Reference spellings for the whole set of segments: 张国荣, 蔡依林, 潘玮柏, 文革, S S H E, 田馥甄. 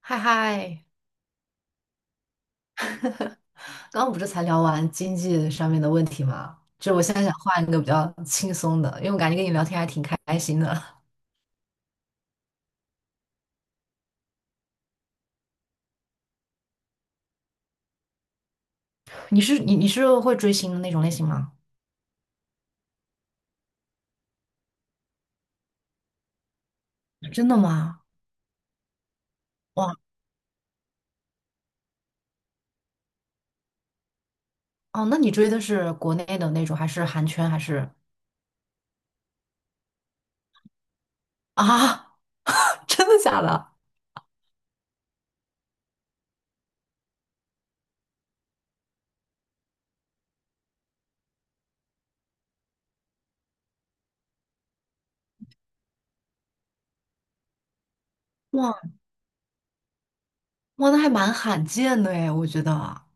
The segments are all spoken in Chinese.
嗨嗨，刚刚不是才聊完经济上面的问题吗？就我现在想换一个比较轻松的，因为我感觉跟你聊天还挺开心的。你是会追星的那种类型吗？真的吗？哇哦，那你追的是国内的那种，还是韩圈，还是啊？真的假的？哇哇，那还蛮罕见的诶，我觉得啊。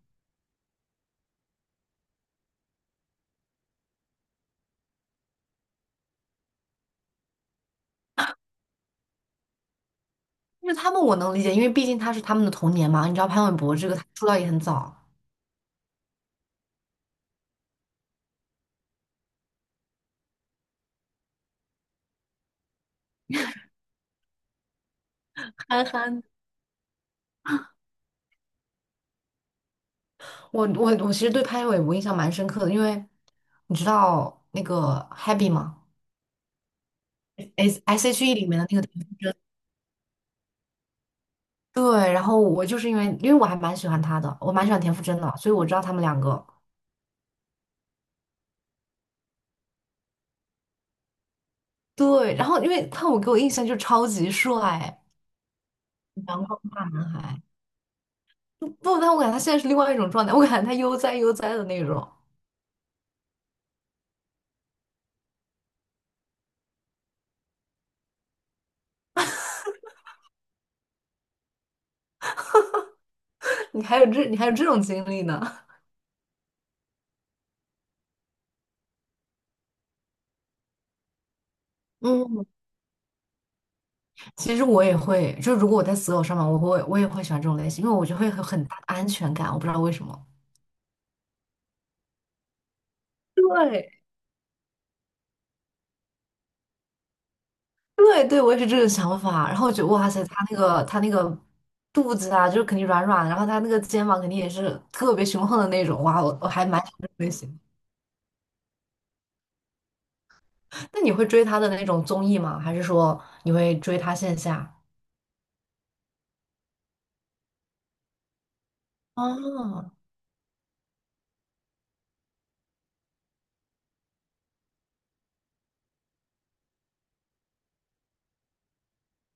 因为他们我能理解，因为毕竟他是他们的童年嘛。你知道潘玮柏这个他出道也很早。憨憨我其实对潘玮柏我印象蛮深刻的，因为你知道那个 Happy 吗？S S H E 里面的那个对，然后我就是因为我还蛮喜欢他的，我蛮喜欢田馥甄的，所以我知道他们两个。对，然后因为潘我给我印象就超级帅，阳光大男孩。不，但我感觉他现在是另外一种状态，我感觉他悠哉悠哉的那种。你还有这种经历呢？嗯，其实我也会，就如果我在择偶上面，我也会喜欢这种类型，因为我就会有很大的安全感，我不知道为什么。对，对对，我也是这个想法。然后我觉得，哇塞，他那个肚子啊，就是肯定软软的，然后他那个肩膀肯定也是特别雄横的那种。哇，我还蛮喜欢这种类型。那你会追他的那种综艺吗？还是说你会追他线下？哦，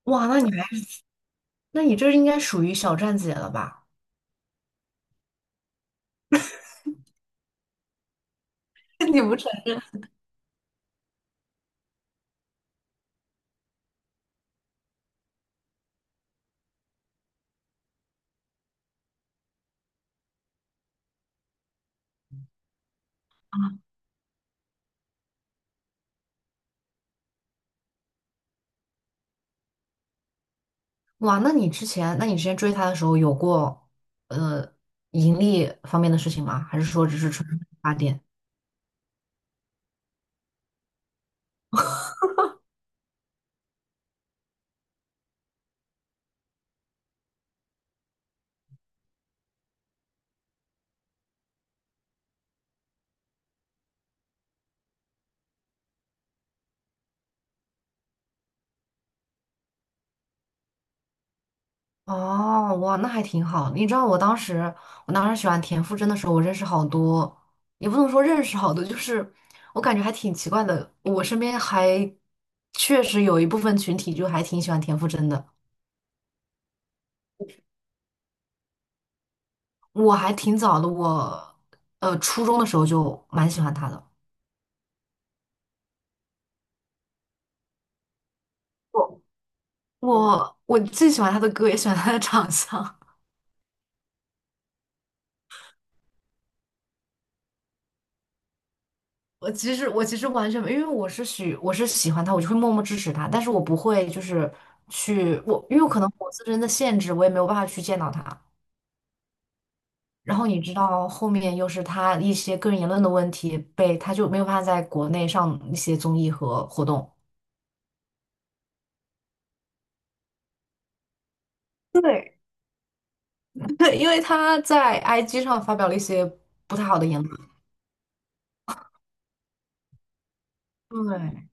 哇，那你这应该属于小站姐了吧？你不是？哇，那你之前追他的时候有过呃盈利方面的事情吗？还是说只是纯发电？哦，哇，那还挺好。你知道我当时，我当时喜欢田馥甄的时候，我认识好多，也不能说认识好多，就是我感觉还挺奇怪的。我身边还确实有一部分群体就还挺喜欢田馥甄的。我还挺早的，我初中的时候就蛮喜欢他的。我我既喜欢他的歌，也喜欢他的长相。我其实完全没，因为我是喜欢他，我就会默默支持他，但是我不会就是去我，因为我可能我自身的限制，我也没有办法去见到他。然后你知道后面又是他一些个人言论的问题被，他就没有办法在国内上一些综艺和活动，对，对，因为他在 IG 上发表了一些不太好的言论。对，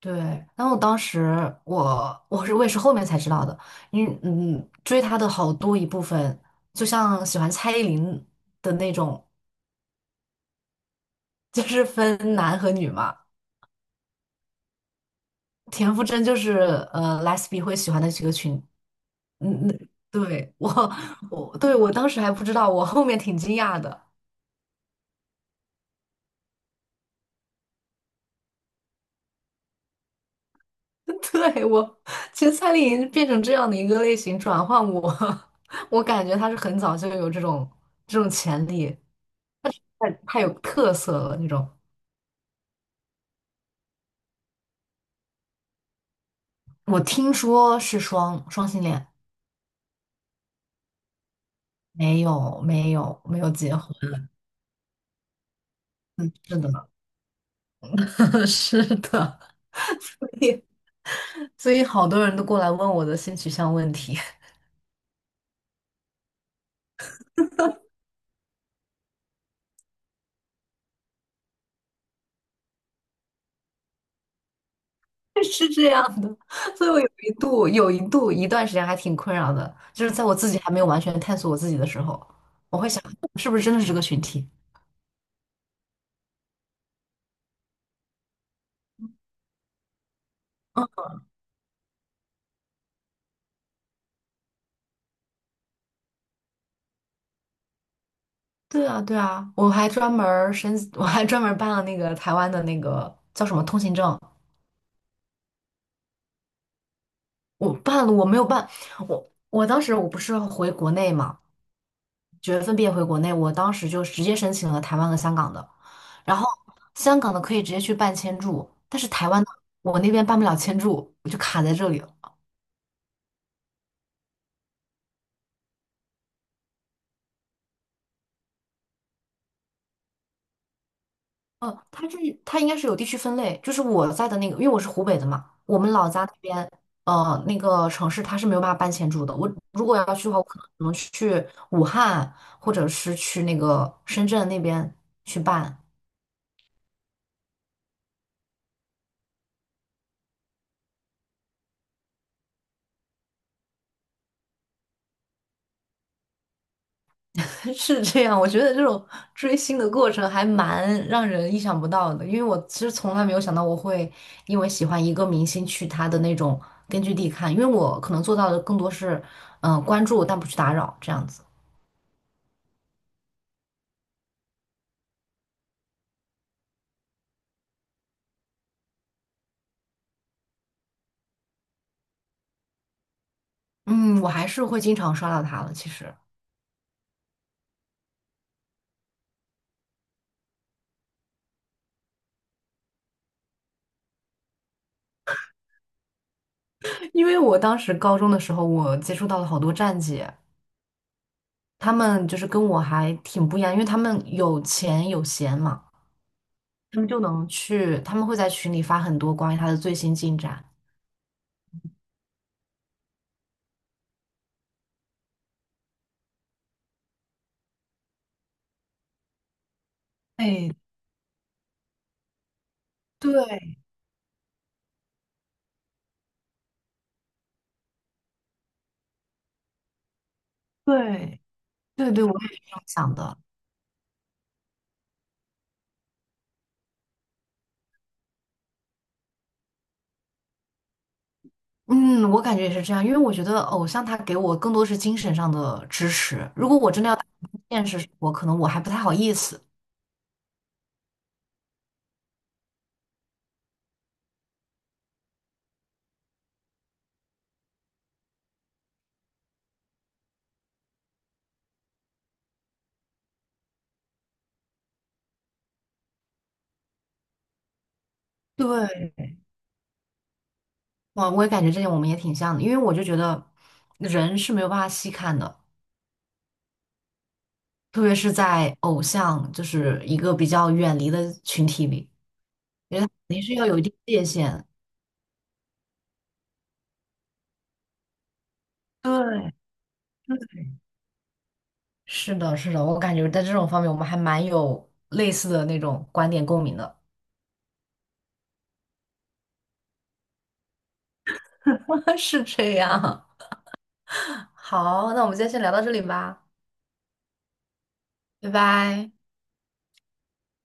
对，然后当时我也是后面才知道的，因为嗯追他的好多一部分，就像喜欢蔡依林的那种，就是分男和女嘛。田馥甄就是Lesbi 会喜欢的几个群，嗯嗯，对我我对我当时还不知道，我后面挺惊讶的。对我，其实蔡依林变成这样的一个类型转换我，我感觉她是很早就有这种潜力，太太有特色了那种。我听说是双双性恋，没有结婚，嗯是的，是的，所以所以好多人都过来问我的性取向问题，是这样的，所以我有一度一段时间还挺困扰的，就是在我自己还没有完全探索我自己的时候，我会想是不是真的是这个群体？嗯，对啊对啊，我还专门儿申，我还专门儿办了那个台湾的那个叫什么通行证，我办了，我没有办，我当时我不是回国内嘛。九月份毕业回国内，我当时就直接申请了台湾和香港的，然后香港的可以直接去办签注，但是台湾的我那边办不了签注，我就卡在这里了。嗯，它应该是有地区分类，就是我在的那个，因为我是湖北的嘛，我们老家那边，那个城市它是没有办法办签注的。我如果要去的话，我可能只能去武汉，或者是去那个深圳那边去办。是这样，我觉得这种追星的过程还蛮让人意想不到的，因为我其实从来没有想到我会因为喜欢一个明星去他的那种根据地看，因为我可能做到的更多是，嗯、关注但不去打扰这样子。嗯，我还是会经常刷到他的，其实，因为我当时高中的时候，我接触到了好多站姐，他们就是跟我还挺不一样，因为他们有钱有闲嘛，他们就能去，他们会在群里发很多关于他的最新进展。哎，对，对对对，我也是这样想的。嗯，我感觉也是这样，因为我觉得偶像他给我更多是精神上的支持。如果我真的要打入现实生活，可能我还不太好意思。对，我也感觉这点我们也挺像的，因为我就觉得人是没有办法细看的，特别是在偶像就是一个比较远离的群体里，觉得肯定是要有一定界限。对，对，是的，是的，我感觉在这种方面我们还蛮有类似的那种观点共鸣的。是这样。好，那我们今天先聊到这里吧，拜拜。